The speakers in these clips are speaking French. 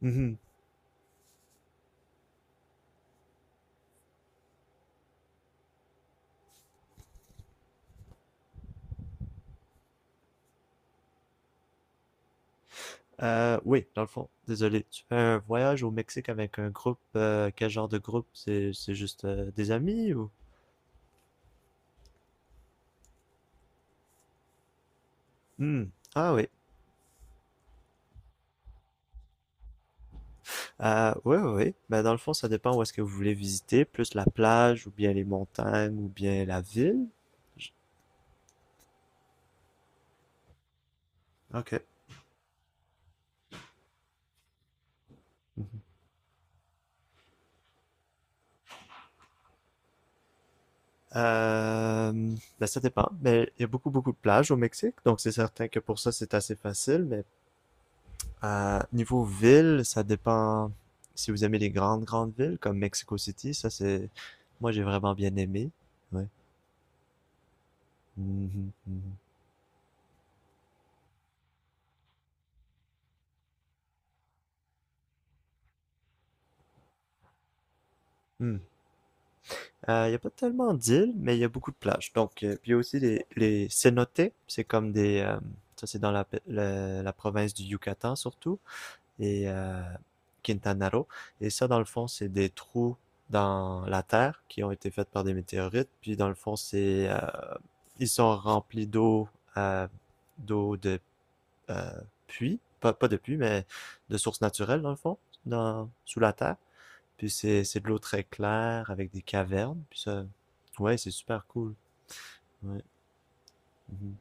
Mhm. Oui, dans le fond, désolé. Tu fais un voyage au Mexique avec un groupe. Quel genre de groupe? C'est juste des amis ou? Hmm. Ah oui. Oui, oui, oui. Ben, dans le fond, ça dépend où est-ce que vous voulez visiter, plus la plage ou bien les montagnes ou bien la ville. J- Ok. Euh, ben, ça dépend. Mais il y a beaucoup, beaucoup de plages au Mexique, donc c'est certain que pour ça, c'est assez facile. Mais niveau ville, ça dépend si vous aimez les grandes, grandes villes comme Mexico City. Ça, c'est. Moi, j'ai vraiment bien aimé. Ouais. Mhm, mhm. Hmm. Il y a pas tellement d'îles, mais il y a beaucoup de plages. Donc, puis il y a aussi les cénotes. C'est comme des. Ça, c'est dans la province du Yucatan surtout. Et Quintana Roo. Et ça, dans le fond, c'est des trous dans la terre qui ont été faits par des météorites. Puis, dans le fond, c'est ils sont remplis d'eau, euh, d'eau de euh, puits, pas de puits, mais de sources naturelles, dans le fond, sous la terre. Puis, c'est de l'eau très claire avec des cavernes. Puis, ça, ouais, c'est super cool. Ouais. Mhm.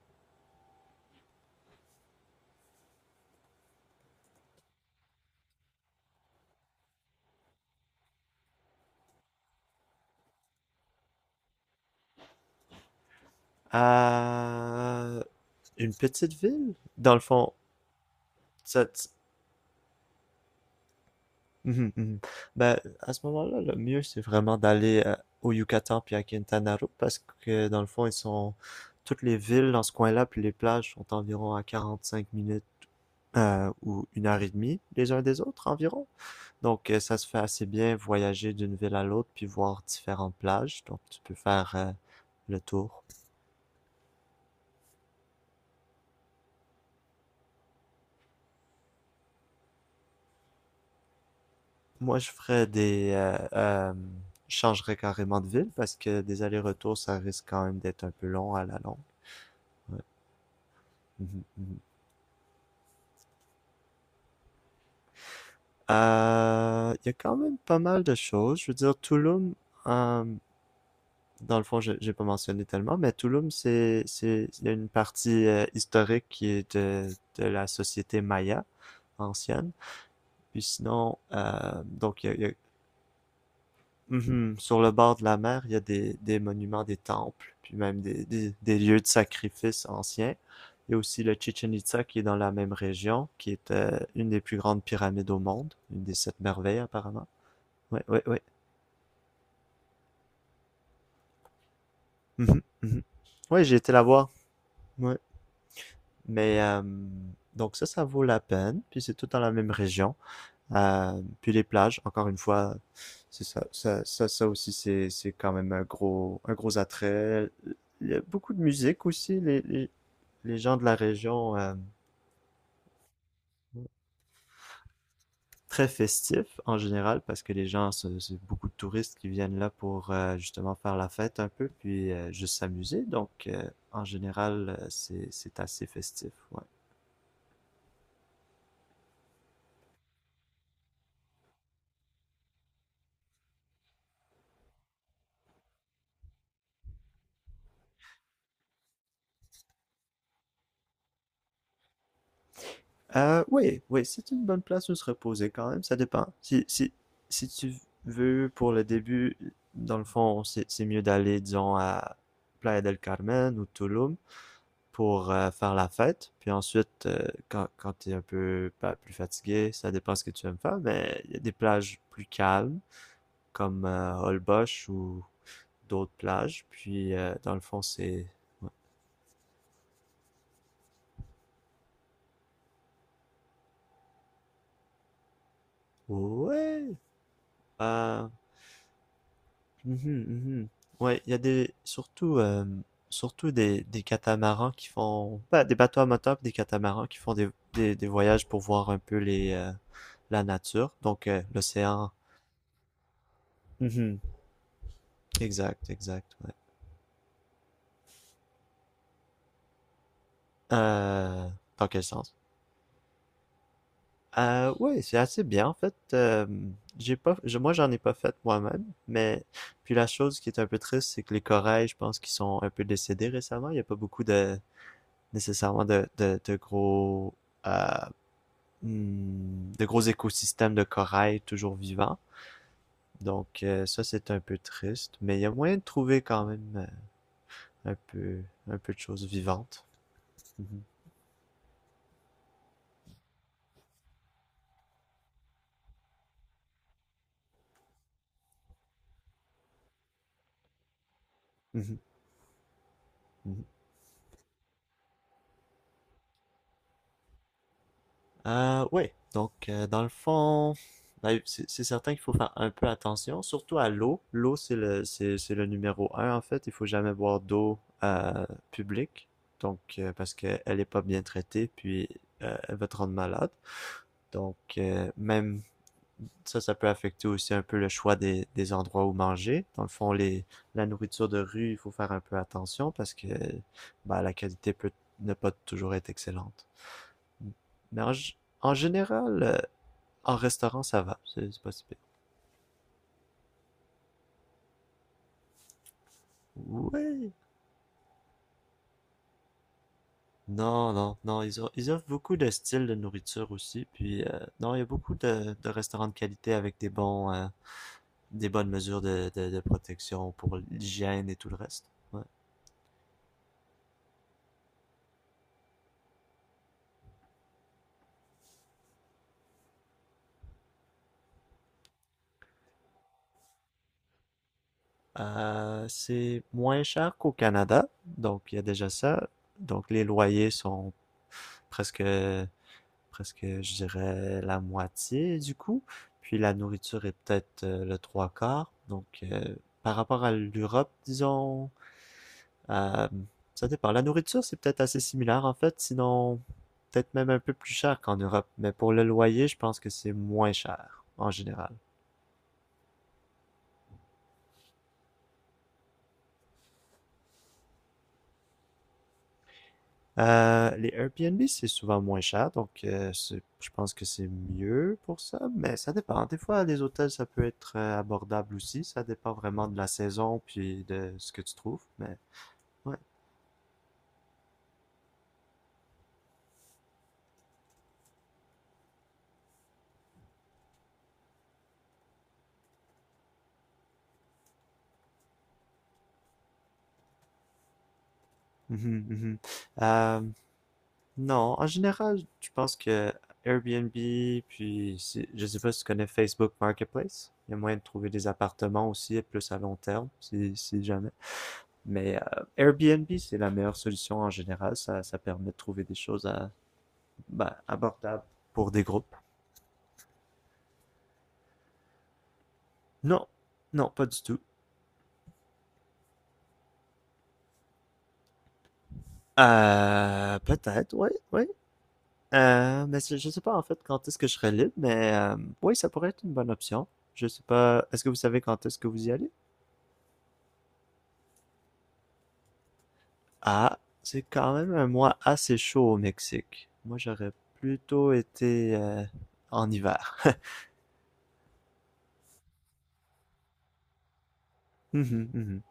Euh, une petite ville, dans le fond. Ça, Mhm, mhm. Ben, à ce moment-là, le mieux, c'est vraiment d'aller au Yucatan puis à Quintana Roo parce que dans le fond, ils sont toutes les villes dans ce coin-là puis les plages sont environ à 45 minutes ou 1 h 30 les uns des autres environ. Donc, ça se fait assez bien voyager d'une ville à l'autre puis voir différentes plages. Donc, tu peux faire le tour. Moi, je ferais des je changerais carrément de ville parce que des allers-retours, ça risque quand même d'être un peu long à la longue. Ouais. Mhm, mhm. Il y a quand même pas mal de choses. Je veux dire, Tulum, euh, dans le fond, j'ai pas mentionné tellement, mais Tulum, il y a une partie historique qui est de la société maya ancienne. Puis sinon, donc, il y a. Mhm. Sur le bord de la mer, il y a des monuments, des temples, puis même des lieux de sacrifice anciens. Il y a aussi le Chichen Itza qui est dans la même région, qui est une des plus grandes pyramides au monde, une des sept merveilles apparemment. Ouais, ouais, ouais. Mhm, mhm. Ouais, j'ai été la voir. Ouais. Mais donc ça vaut la peine. Puis c'est tout dans la même région. Puis les plages, encore une fois, c'est ça aussi, c'est quand même un gros attrait. Il y a beaucoup de musique aussi. Les gens de la région, très festifs en général, parce que les gens, c'est beaucoup de touristes qui viennent là pour justement faire la fête un peu, puis juste s'amuser. Donc en général, c'est assez festif. Ouais. Oui, oui, c'est une bonne place où se reposer quand même, ça dépend. Si tu veux, pour le début, dans le fond, c'est mieux d'aller, disons, à Playa del Carmen ou Tulum pour faire la fête. Puis ensuite, quand t'es un peu bah, plus fatigué, ça dépend ce que tu aimes faire, mais il y a des plages plus calmes, comme Holbox ou d'autres plages. Puis, dans le fond, c'est. Ouais! Euh, Mhm, mhm. Ouais, il y a des surtout surtout des catamarans qui font bah, des bateaux à moteur puis des catamarans qui font des voyages pour voir un peu les la nature, donc l'océan. Mhm. Exact, exact, ouais. Euh, Dans quel sens? Ouais, c'est assez bien en fait. J'ai pas je- Moi, j'en ai pas fait moi-même, mais puis la chose qui est un peu triste, c'est que les corails, je pense qu'ils sont un peu décédés récemment, il y a pas beaucoup de nécessairement de gros euh, de gros écosystèmes de corail toujours vivants. Donc ça, c'est un peu triste, mais il y a moyen de trouver quand même euh, un peu, un peu de choses vivantes. Mhm, mhm, mhm. Oui, donc dans le fond, ben, c'est certain qu'il faut faire un peu attention, surtout à l'eau. L'eau, c'est le numéro un en fait. Il faut jamais boire d'eau publique, donc parce qu'elle est pas bien traitée, puis elle va te rendre malade. Donc même. Ça peut affecter aussi un peu le choix des endroits où manger. Dans le fond, la nourriture de rue, il faut faire un peu attention parce que bah, la qualité peut ne pas toujours être excellente. Mais en général, en restaurant, ça va. C'est pas si pire. Oui. Non, non, non. Ils offrent beaucoup de styles de nourriture aussi. Puis, non, il y a beaucoup de restaurants de qualité avec des bonnes mesures de protection pour l'hygiène et tout le reste. Ouais. C'est moins cher qu'au Canada, donc il y a déjà ça. Donc les loyers sont presque, presque, je dirais, la moitié du coût. Puis la nourriture est peut-être le trois quarts. Donc par rapport à l'Europe, disons, euh, ça dépend. La nourriture, c'est peut-être assez similaire en fait, sinon peut-être même un peu plus cher qu'en Europe. Mais pour le loyer, je pense que c'est moins cher en général. Les Airbnb, c'est souvent moins cher, donc je pense que c'est mieux pour ça, mais ça dépend. Des fois, les hôtels, ça peut être abordable aussi. Ça dépend vraiment de la saison puis de ce que tu trouves, mais ouais. Mhm, mhm. Euh, non, en général, je pense que Airbnb, puis si- je sais pas si tu connais Facebook Marketplace. Il y a moyen de trouver des appartements aussi, et plus à long terme, si jamais. Mais Airbnb, c'est la meilleure solution en général. Ça permet de trouver des choses à ben, abordable pour des groupes. Non, non, pas du tout. Peut-être, oui, oui. Mais je sais pas en fait quand est-ce que je serai libre, mais oui, ça pourrait être une bonne option. Je sais pas, est-ce que vous savez quand est-ce que vous y allez? Ah, c'est quand même un mois assez chaud au Mexique. Moi, j'aurais plutôt été en hiver. Mhm, mhm,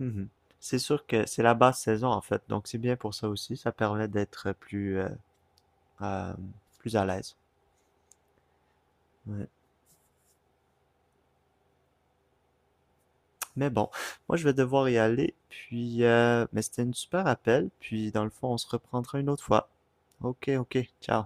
mhm. C'est sûr que c'est la basse saison en fait, donc c'est bien pour ça aussi. Ça permet d'être euh, plus à l'aise. Ouais. Mais bon, moi je vais devoir y aller, puis mais c'était une super appel, puis dans le fond on se reprendra une autre fois. Ok, ok, ciao.